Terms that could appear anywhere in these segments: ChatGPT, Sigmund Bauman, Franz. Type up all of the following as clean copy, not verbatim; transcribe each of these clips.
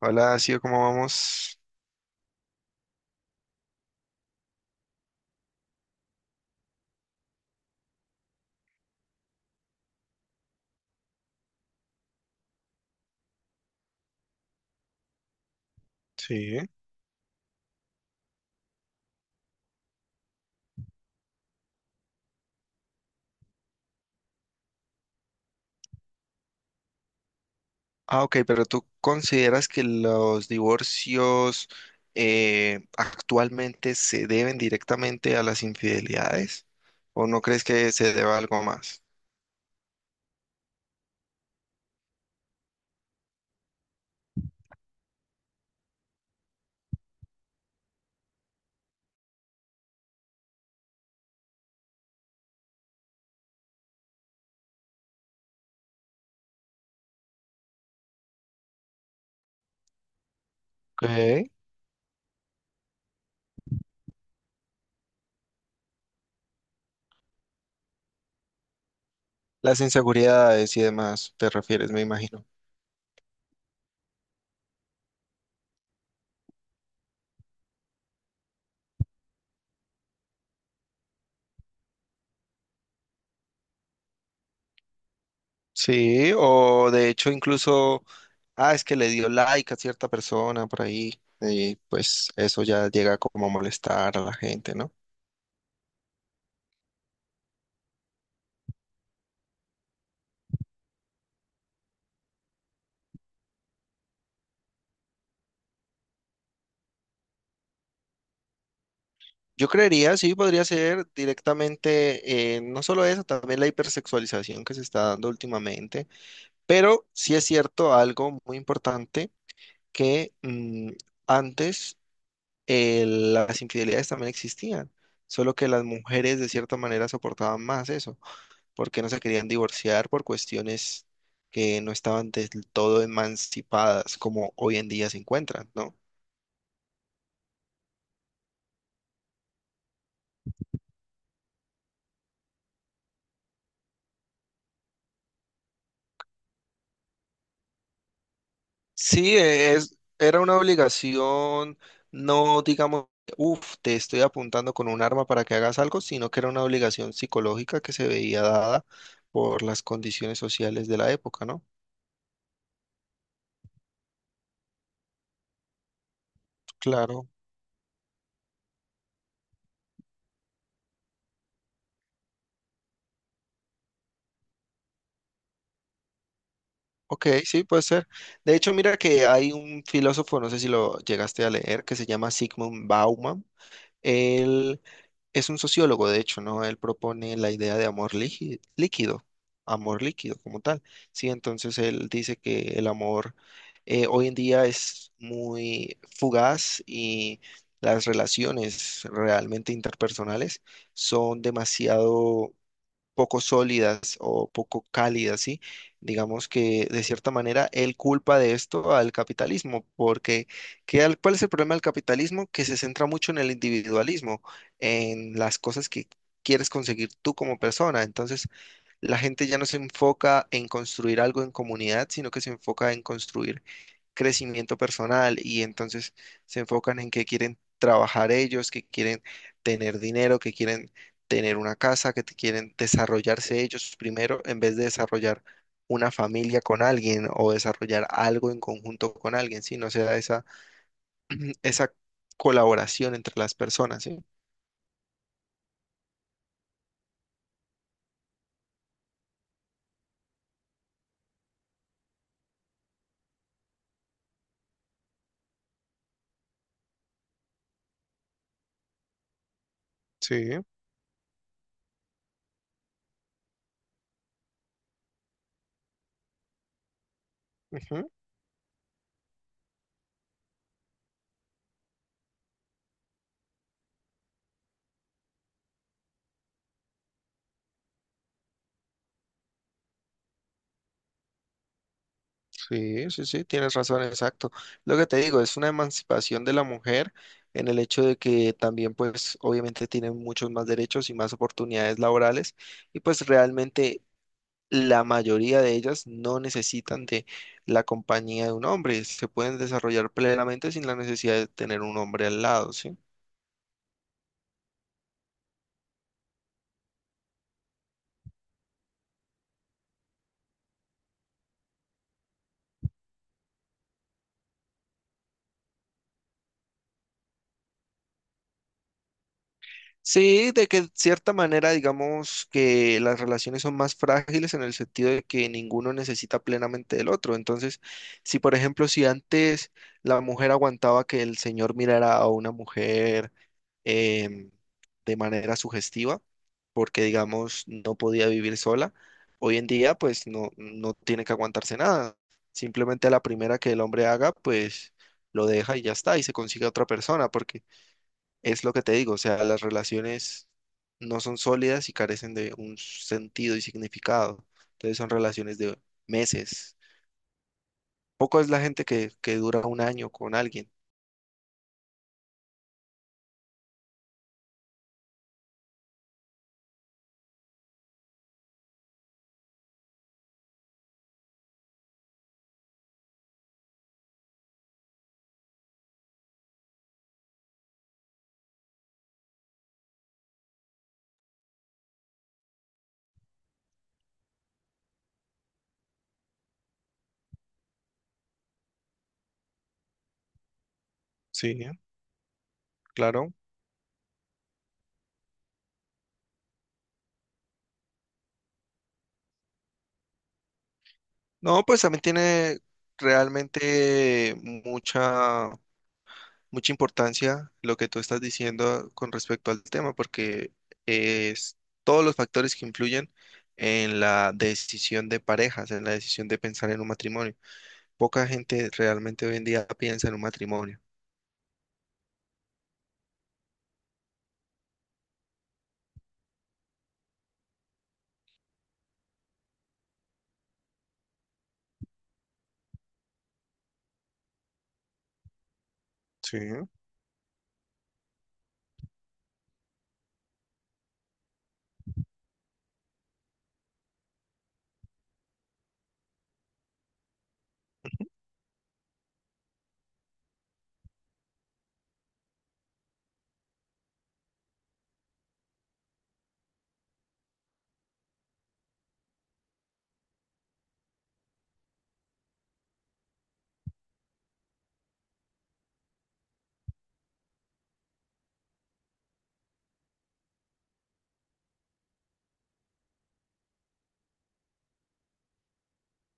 Hola, Sio, ¿cómo vamos? Sí. Ah, ok, pero ¿tú consideras que los divorcios actualmente se deben directamente a las infidelidades? ¿O no crees que se deba a algo más? Ok. Las inseguridades y demás, te refieres, me imagino. Sí. O de hecho incluso, ah, es que le dio like a cierta persona por ahí, y pues eso ya llega como a molestar a la gente, ¿no? Yo creería, sí, podría ser directamente, no solo eso, también la hipersexualización que se está dando últimamente, pero sí es cierto algo muy importante que antes las infidelidades también existían, solo que las mujeres de cierta manera soportaban más eso, porque no se querían divorciar por cuestiones que no estaban del todo emancipadas como hoy en día se encuentran, ¿no? Sí, era una obligación, no digamos, uff, te estoy apuntando con un arma para que hagas algo, sino que era una obligación psicológica que se veía dada por las condiciones sociales de la época, ¿no? Claro. Ok, sí, puede ser. De hecho, mira que hay un filósofo, no sé si lo llegaste a leer, que se llama Sigmund Bauman. Él es un sociólogo, de hecho, ¿no? Él propone la idea de amor líquido, amor líquido como tal. Sí, entonces él dice que el amor hoy en día es muy fugaz, y las relaciones realmente interpersonales son demasiado poco sólidas o poco cálidas, ¿sí? Digamos que de cierta manera él culpa de esto al capitalismo, porque ¿cuál es el problema del capitalismo? Que se centra mucho en el individualismo, en las cosas que quieres conseguir tú como persona. Entonces, la gente ya no se enfoca en construir algo en comunidad, sino que se enfoca en construir crecimiento personal, y entonces se enfocan en que quieren trabajar ellos, que quieren tener dinero, que quieren tener una casa, quieren desarrollarse ellos primero en vez de desarrollar una familia con alguien o desarrollar algo en conjunto con alguien, ¿sí? No se da esa, esa colaboración entre las personas, ¿sí? Sí. Ujú. Sí, tienes razón, exacto. Lo que te digo, es una emancipación de la mujer en el hecho de que también, pues, obviamente tienen muchos más derechos y más oportunidades laborales, y pues realmente la mayoría de ellas no necesitan de la compañía de un hombre, se pueden desarrollar plenamente sin la necesidad de tener un hombre al lado, ¿sí? Sí, de que cierta manera digamos que las relaciones son más frágiles en el sentido de que ninguno necesita plenamente del otro. Entonces, si antes la mujer aguantaba que el señor mirara a una mujer em, de manera sugestiva, porque digamos no podía vivir sola, hoy en día pues no, no tiene que aguantarse nada. Simplemente a la primera que el hombre haga, pues lo deja y ya está, y se consigue a otra persona, porque es lo que te digo, o sea, las relaciones no son sólidas y carecen de un sentido y significado. Entonces son relaciones de meses. Poco es la gente que dura un año con alguien. Sí, claro. No, pues también tiene realmente mucha importancia lo que tú estás diciendo con respecto al tema, porque es todos los factores que influyen en la decisión de parejas, en la decisión de pensar en un matrimonio. Poca gente realmente hoy en día piensa en un matrimonio. Sí,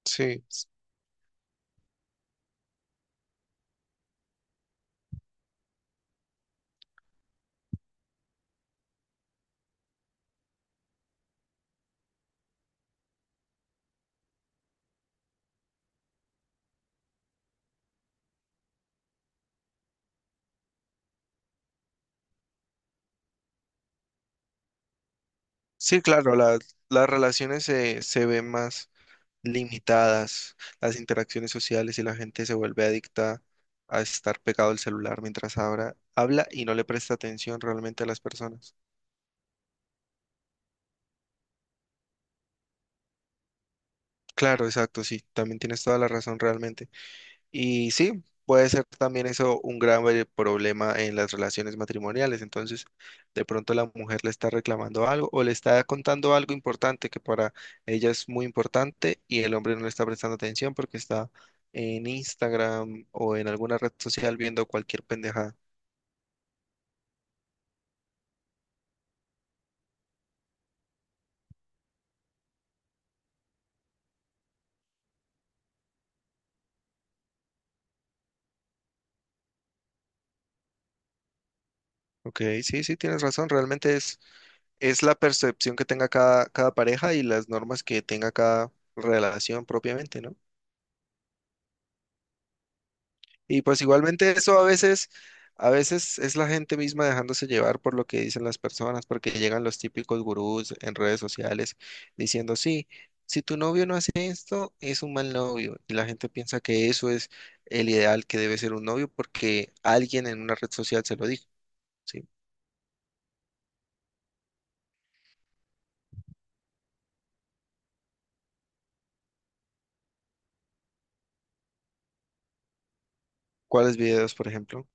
sí, sí, claro, las relaciones se ven más limitadas, las interacciones sociales, y la gente se vuelve adicta a estar pegado al celular mientras ahora habla y no le presta atención realmente a las personas. Claro, exacto, sí, también tienes toda la razón realmente. Y sí, puede ser también eso un grave problema en las relaciones matrimoniales. Entonces, de pronto la mujer le está reclamando algo o le está contando algo importante que para ella es muy importante, y el hombre no le está prestando atención porque está en Instagram o en alguna red social viendo cualquier pendejada. Ok, sí, sí, tienes razón. Realmente es la percepción que tenga cada pareja y las normas que tenga cada relación propiamente, ¿no? Y pues igualmente eso a veces es la gente misma dejándose llevar por lo que dicen las personas, porque llegan los típicos gurús en redes sociales diciendo, sí, si tu novio no hace esto, es un mal novio. Y la gente piensa que eso es el ideal que debe ser un novio porque alguien en una red social se lo dijo, ¿sí? ¿Cuáles videos, por ejemplo?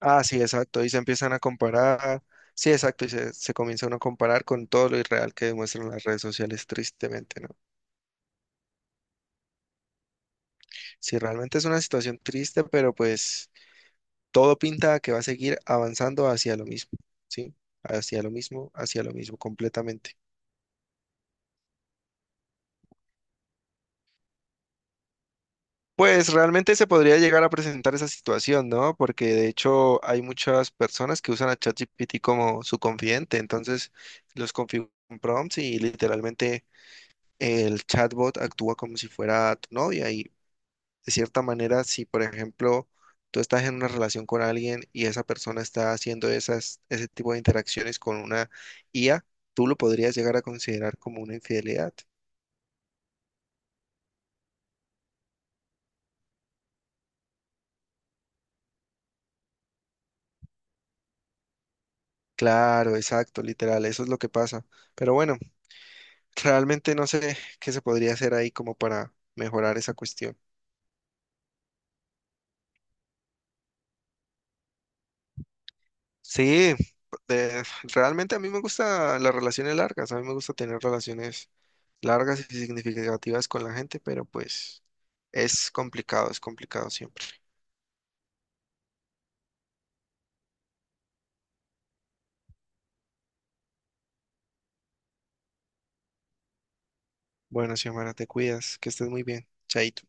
Ah, sí, exacto. Y se empiezan a comparar. Sí, exacto. Y se comienza uno a comparar con todo lo irreal que demuestran las redes sociales, tristemente, ¿no? Sí, realmente es una situación triste, pero pues todo pinta a que va a seguir avanzando hacia lo mismo, ¿sí? Hacia lo mismo, completamente. Pues realmente se podría llegar a presentar esa situación, ¿no? Porque de hecho hay muchas personas que usan a ChatGPT como su confidente, entonces los configuran prompts y literalmente el chatbot actúa como si fuera tu novia, y de cierta manera, si por ejemplo tú estás en una relación con alguien y esa persona está haciendo ese tipo de interacciones con una IA, tú lo podrías llegar a considerar como una infidelidad. Claro, exacto, literal, eso es lo que pasa. Pero bueno, realmente no sé qué se podría hacer ahí como para mejorar esa cuestión. Sí, de- realmente a mí me gustan las relaciones largas, a mí me gusta tener relaciones largas y significativas con la gente, pero pues es complicado siempre. Bueno, Xiomara, te cuidas, que estés muy bien. Chaito.